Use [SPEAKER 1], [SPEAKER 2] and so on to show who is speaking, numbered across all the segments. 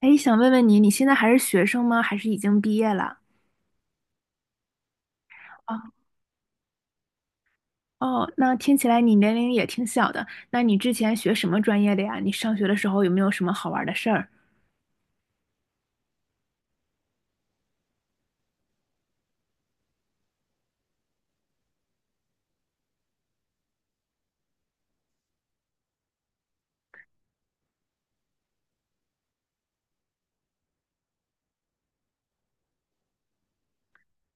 [SPEAKER 1] 哎，想问问你，你现在还是学生吗？还是已经毕业了？哦哦，那听起来你年龄也挺小的。那你之前学什么专业的呀？你上学的时候有没有什么好玩的事儿？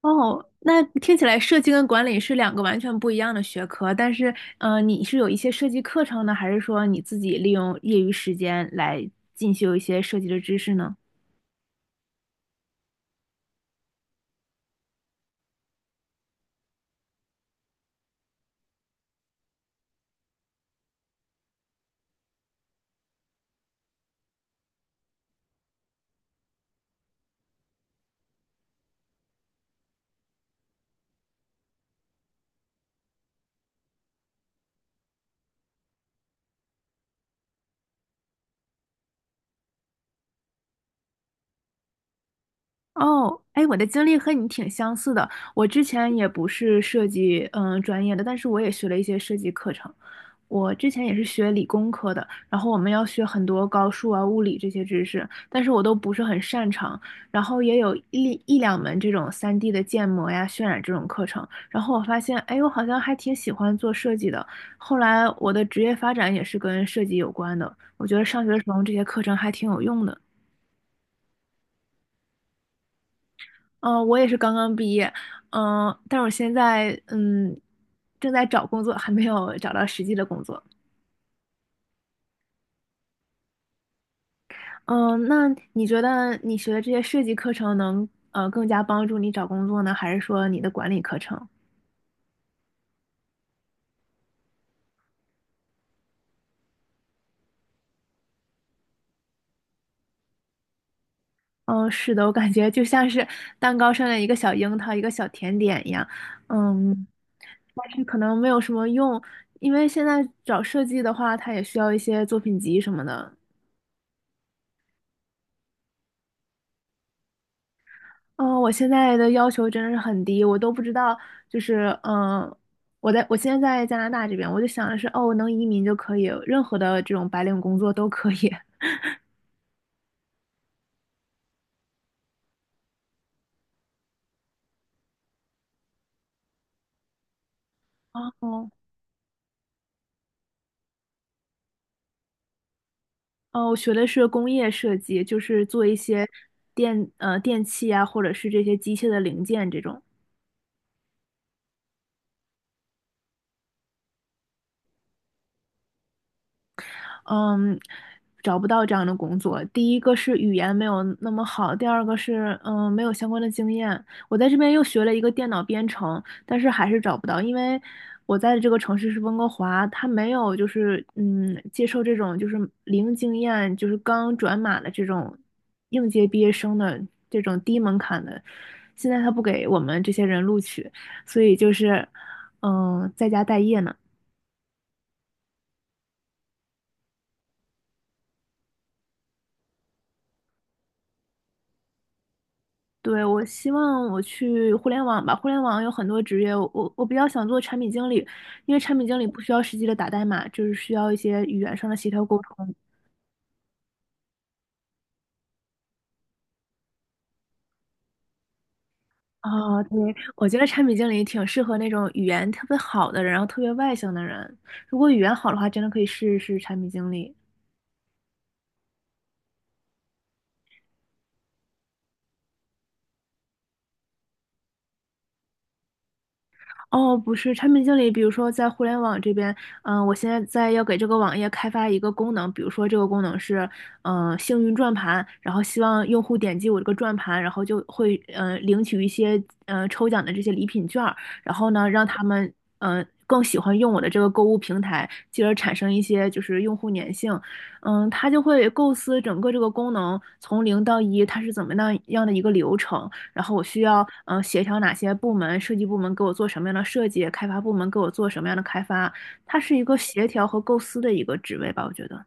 [SPEAKER 1] 哦，那听起来设计跟管理是两个完全不一样的学科，但是，你是有一些设计课程呢，还是说你自己利用业余时间来进修一些设计的知识呢？哦，哎，我的经历和你挺相似的。我之前也不是设计专业的，但是我也学了一些设计课程。我之前也是学理工科的，然后我们要学很多高数啊、物理这些知识，但是我都不是很擅长。然后也有一两门这种3D 的建模呀、渲染这种课程。然后我发现，哎，我好像还挺喜欢做设计的。后来我的职业发展也是跟设计有关的。我觉得上学的时候这些课程还挺有用的。我也是刚刚毕业，但是我现在正在找工作，还没有找到实际的工作。嗯、那你觉得你学的这些设计课程能更加帮助你找工作呢，还是说你的管理课程？嗯、是的，我感觉就像是蛋糕上的一个小樱桃，一个小甜点一样。嗯，但是可能没有什么用，因为现在找设计的话，它也需要一些作品集什么的。嗯，我现在的要求真的是很低，我都不知道，就是我现在在加拿大这边，我就想的是，哦，能移民就可以，任何的这种白领工作都可以。哦，哦，我学的是工业设计，就是做一些电器啊，或者是这些机械的零件这种。嗯，找不到这样的工作。第一个是语言没有那么好，第二个是没有相关的经验。我在这边又学了一个电脑编程，但是还是找不到，因为我在的这个城市是温哥华，他没有接受这种零经验，就是刚转码的这种应届毕业生的这种低门槛的。现在他不给我们这些人录取，所以就是在家待业呢。对，我希望我去互联网吧，互联网有很多职业，我比较想做产品经理，因为产品经理不需要实际的打代码，就是需要一些语言上的协调沟通。啊，对，我觉得产品经理挺适合那种语言特别好的人，然后特别外向的人。如果语言好的话，真的可以试一试产品经理。哦，不是，产品经理，比如说在互联网这边，我现在在要给这个网页开发一个功能，比如说这个功能是，幸运转盘，然后希望用户点击我这个转盘，然后就会，领取一些，抽奖的这些礼品券儿，然后呢，让他们，更喜欢用我的这个购物平台，进而产生一些就是用户粘性，嗯，他就会构思整个这个功能从零到一，它是怎么样的一个流程。然后我需要协调哪些部门，设计部门给我做什么样的设计，开发部门给我做什么样的开发，它是一个协调和构思的一个职位吧，我觉得。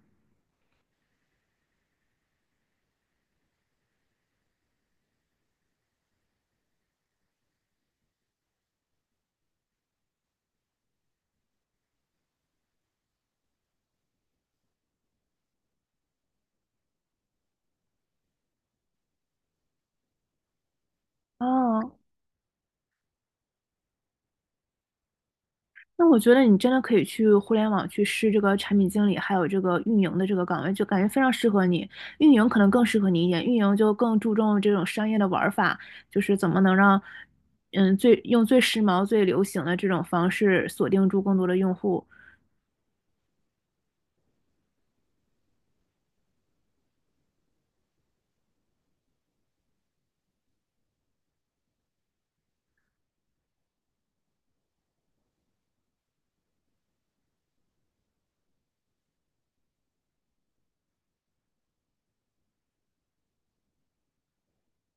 [SPEAKER 1] 哦，那我觉得你真的可以去互联网去试这个产品经理，还有这个运营的这个岗位，就感觉非常适合你。运营可能更适合你一点，运营就更注重这种商业的玩法，就是怎么能让用最时髦、最流行的这种方式锁定住更多的用户。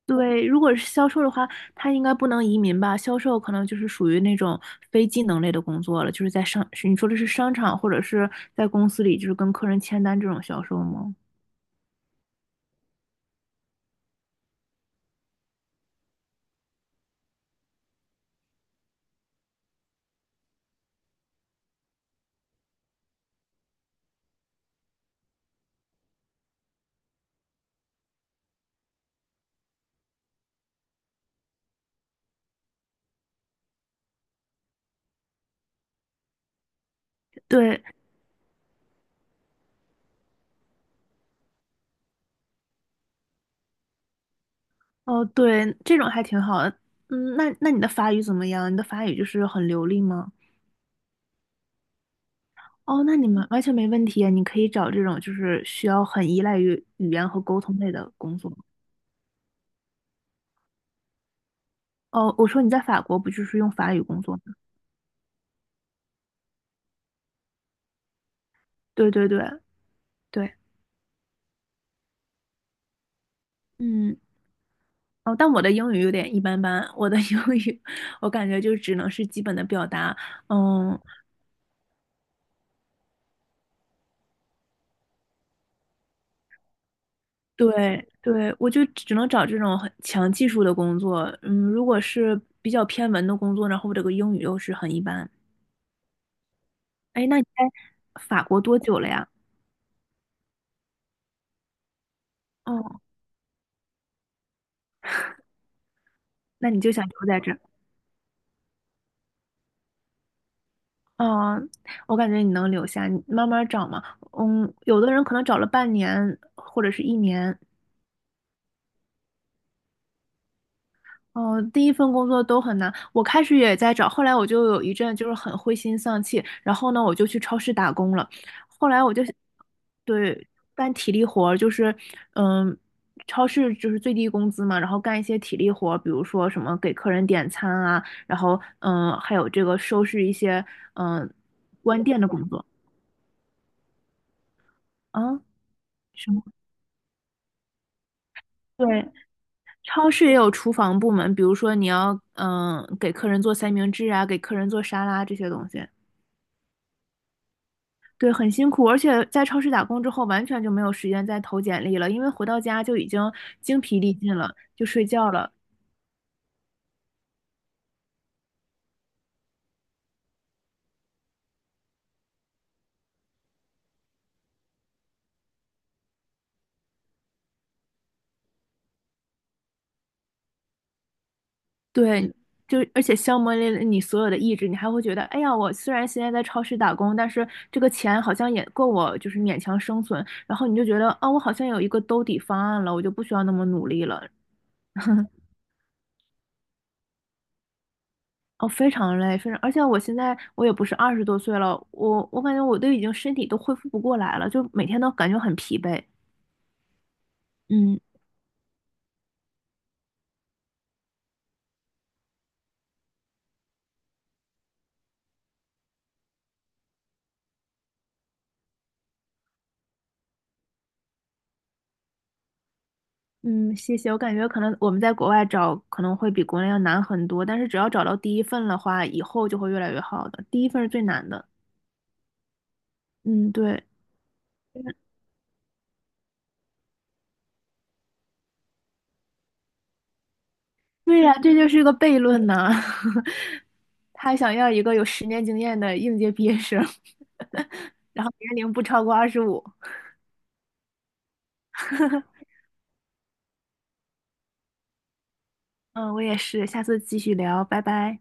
[SPEAKER 1] 对，如果是销售的话，他应该不能移民吧？销售可能就是属于那种非技能类的工作了，就是在商，是你说的是商场或者是在公司里，就是跟客人签单这种销售吗？对，哦，对，这种还挺好的。嗯，那你的法语怎么样？你的法语就是很流利吗？哦，那你们完全没问题啊，你可以找这种就是需要很依赖于语言和沟通类的工作。哦，我说你在法国不就是用法语工作吗？对对对对，嗯。哦，但我的英语有点一般般，我的英语 我感觉就只能是基本的表达，嗯，对对，我就只能找这种很强技术的工作，嗯，如果是比较偏文的工作，然后我这个英语又是很一般。哎，那你在法国多久了呀？哦，那你就想留在这儿？哦，我感觉你能留下，你慢慢找嘛。嗯，有的人可能找了半年或者是1年，嗯，第一份工作都很难，我开始也在找，后来我就有一阵就是很灰心丧气，然后呢，我就去超市打工了，后来我就对干体力活儿嗯，超市就是最低工资嘛，然后干一些体力活儿比如说什么给客人点餐啊，然后还有这个收拾一些嗯关店的工作啊。什么？对，超市也有厨房部门，比如说你要给客人做三明治啊，给客人做沙拉这些东西。对，很辛苦，而且在超市打工之后，完全就没有时间再投简历了，因为回到家就已经精疲力尽了，就睡觉了。对，就而且消磨了你所有的意志，你还会觉得，哎呀，我虽然现在在超市打工，但是这个钱好像也够我就是勉强生存，然后你就觉得，啊，我好像有一个兜底方案了，我就不需要那么努力了。哦，非常累，非常，而且我现在我也不是20多岁了，我感觉我都已经身体都恢复不过来了，就每天都感觉很疲惫。嗯。嗯，谢谢。我感觉可能我们在国外找可能会比国内要难很多，但是只要找到第一份的话，以后就会越来越好的。第一份是最难的。嗯，对，对呀，这就是个悖论呐、他想要一个有10年经验的应届毕业生，然后年龄不超过25。嗯，我也是。下次继续聊，拜拜。